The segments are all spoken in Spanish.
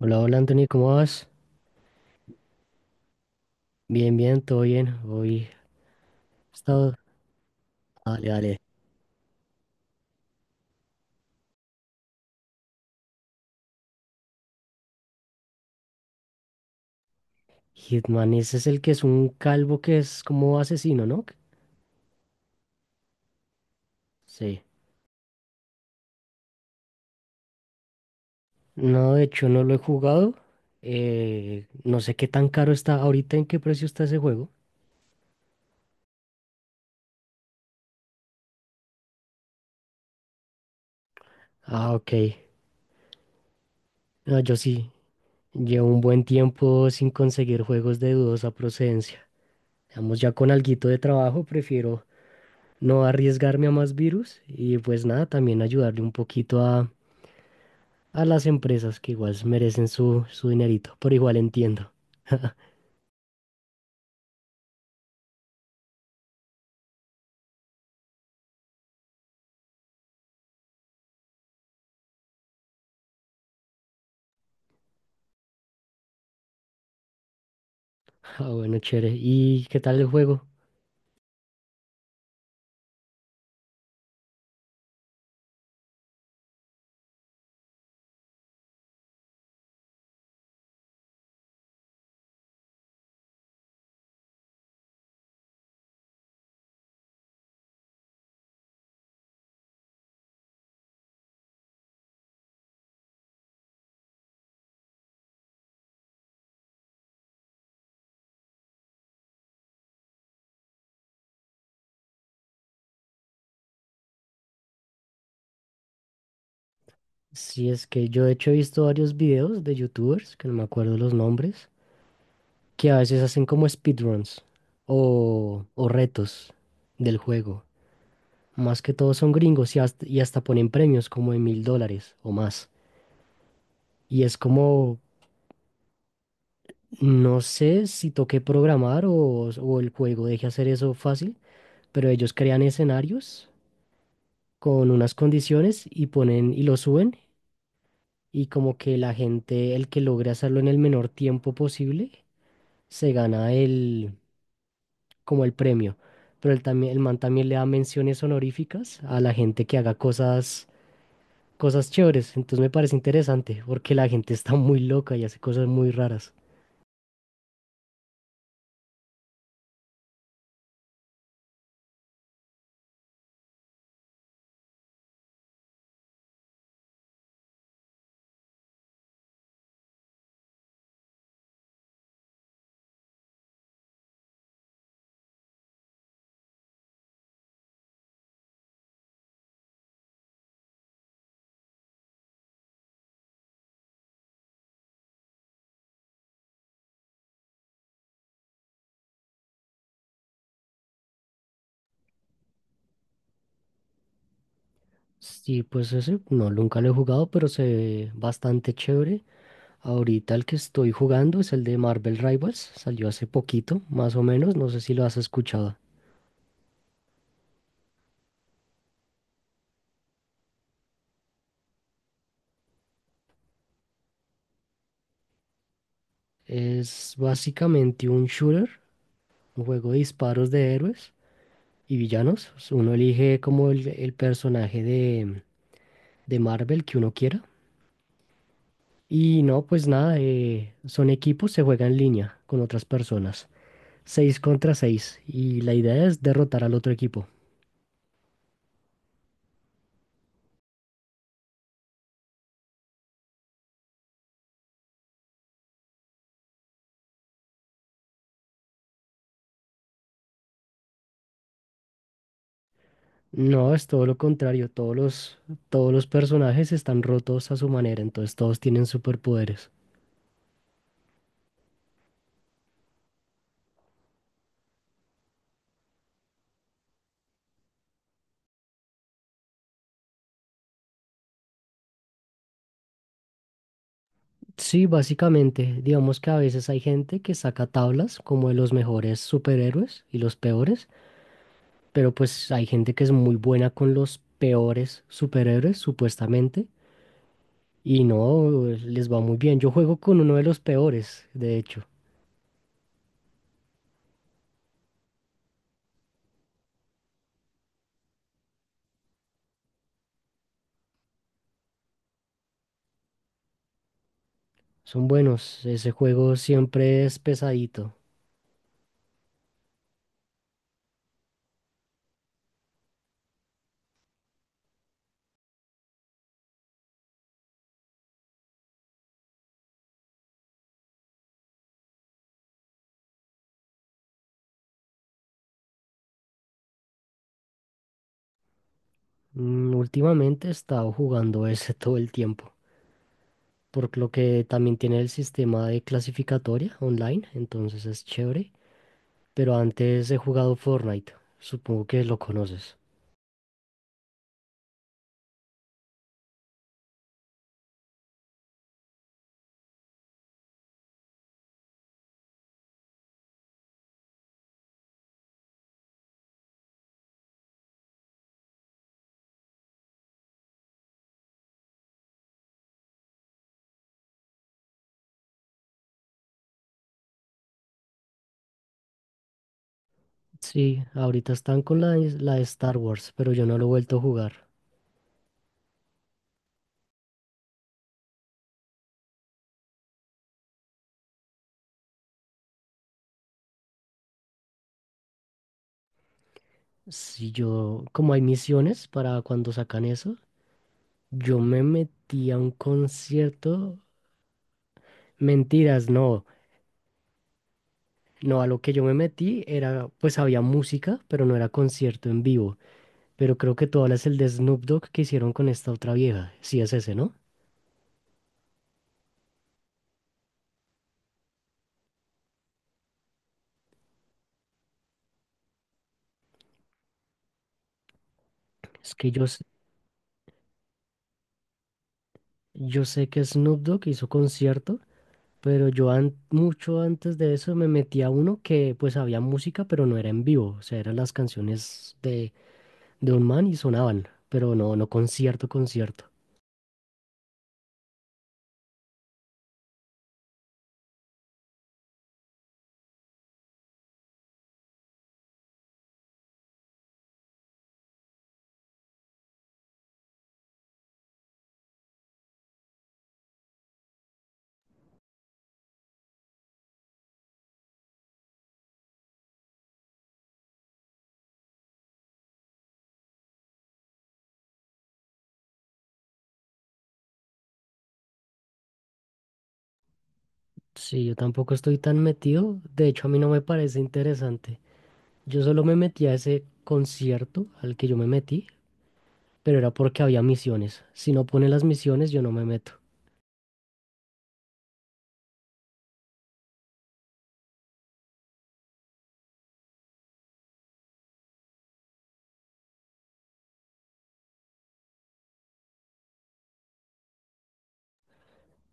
Hola, hola Anthony, ¿cómo vas? Bien, bien, todo bien. Hoy he estado. Dale, dale. Hitman, ese es el que es un calvo que es como asesino, ¿no? Sí. No, de hecho no lo he jugado. No sé qué tan caro está ahorita, en qué precio está ese juego. Ah, ok. No, yo sí. Llevo un buen tiempo sin conseguir juegos de dudosa procedencia. Digamos, ya con alguito de trabajo, prefiero no arriesgarme a más virus y pues nada, también ayudarle un poquito a las empresas que igual merecen su dinerito, pero igual entiendo. Ah, bueno, chévere. ¿Y qué tal el juego? Si es que yo de hecho he visto varios videos de youtubers, que no me acuerdo los nombres, que a veces hacen como speedruns o retos del juego. Más que todo son gringos y hasta ponen premios como de 1.000 dólares o más. Y es como, no sé si toqué programar o el juego deje hacer eso fácil, pero ellos crean escenarios con unas condiciones y ponen y lo suben y como que la gente, el que logre hacerlo en el menor tiempo posible, se gana el como el premio. Pero el, también, el man también le da menciones honoríficas a la gente que haga cosas, cosas chéveres. Entonces me parece interesante porque la gente está muy loca y hace cosas muy raras. Sí, pues ese no, nunca lo he jugado, pero se ve bastante chévere. Ahorita el que estoy jugando es el de Marvel Rivals, salió hace poquito, más o menos, no sé si lo has escuchado. Es básicamente un shooter, un juego de disparos de héroes y villanos. Uno elige como el personaje de Marvel que uno quiera. Y no, pues nada, son equipos, se juega en línea con otras personas. 6 contra 6. Y la idea es derrotar al otro equipo. No, es todo lo contrario. Todos los personajes están rotos a su manera, entonces todos tienen superpoderes. Sí, básicamente, digamos que a veces hay gente que saca tablas como de los mejores superhéroes y los peores, pero pues hay gente que es muy buena con los peores superhéroes, supuestamente, y no les va muy bien. Yo juego con uno de los peores, de hecho. Son buenos, ese juego siempre es pesadito. Últimamente he estado jugando ese todo el tiempo, por lo que también tiene el sistema de clasificatoria online, entonces es chévere. Pero antes he jugado Fortnite. Supongo que lo conoces. Sí, ahorita están con la, la de Star Wars, pero yo no lo he vuelto a jugar. Si yo, como hay misiones para cuando sacan eso, yo me metí a un concierto. Mentiras, no. No, a lo que yo me metí era, pues había música, pero no era concierto en vivo. Pero creo que tú hablas el de Snoop Dogg que hicieron con esta otra vieja. Sí, es ese, ¿no? Es que yo, yo sé que Snoop Dogg hizo concierto. Pero yo mucho antes de eso me metí a uno que pues había música, pero no era en vivo. O sea, eran las canciones de un man y sonaban, pero no, no concierto, concierto. Sí, yo tampoco estoy tan metido. De hecho, a mí no me parece interesante. Yo solo me metí a ese concierto al que yo me metí, pero era porque había misiones. Si no pone las misiones, yo no me meto.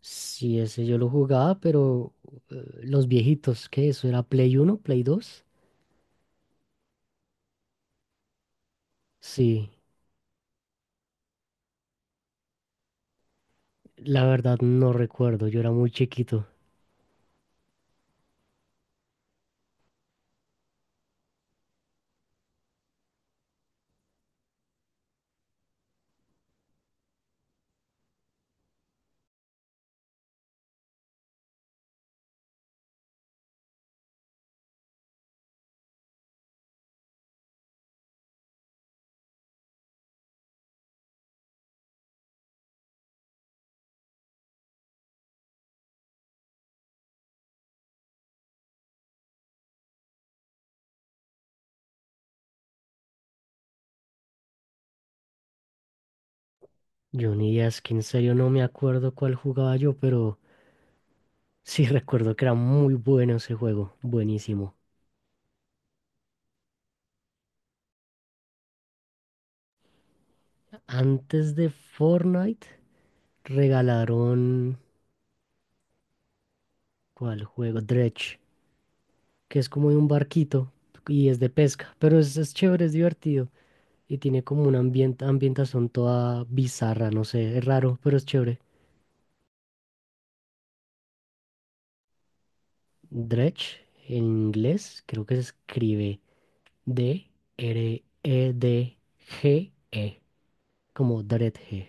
Sí, ese yo lo jugaba, pero los viejitos, ¿qué? ¿Eso era Play uno Play dos? Sí. La verdad no recuerdo, yo era muy chiquito. Johnny es que en serio no me acuerdo cuál jugaba yo, pero sí recuerdo que era muy bueno ese juego, buenísimo. Antes de Fortnite regalaron, ¿cuál juego? Dredge, que es como de un barquito y es de pesca, pero es chévere, es divertido y tiene como una ambientación toda bizarra, no sé, es raro, pero es chévere. Dredge en inglés creo que se escribe D, R, E, D, G, E, como Dreadhead.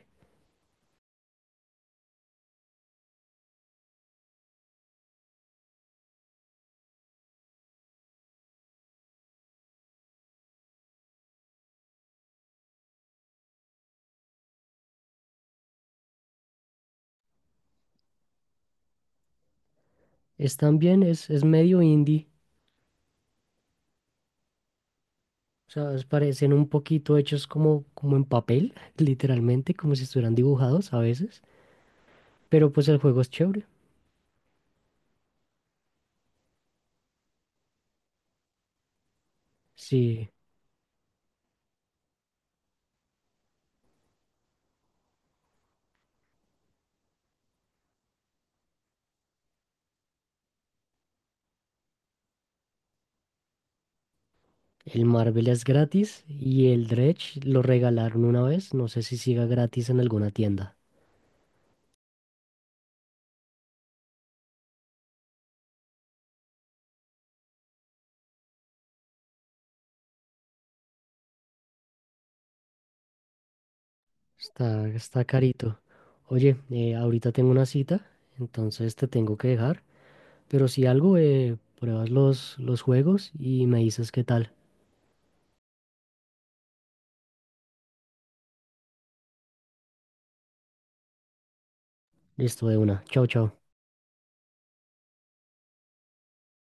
Es también, es medio indie, o sea, es- parecen un poquito hechos como, como en papel, literalmente, como si estuvieran dibujados a veces, pero pues el juego es chévere. Sí, el Marvel es gratis y el Dredge lo regalaron una vez, no sé si siga gratis en alguna tienda. Está, está carito. Oye, ahorita tengo una cita, entonces te tengo que dejar. Pero si algo, pruebas los juegos y me dices qué tal. Listo de una. Chao, chao.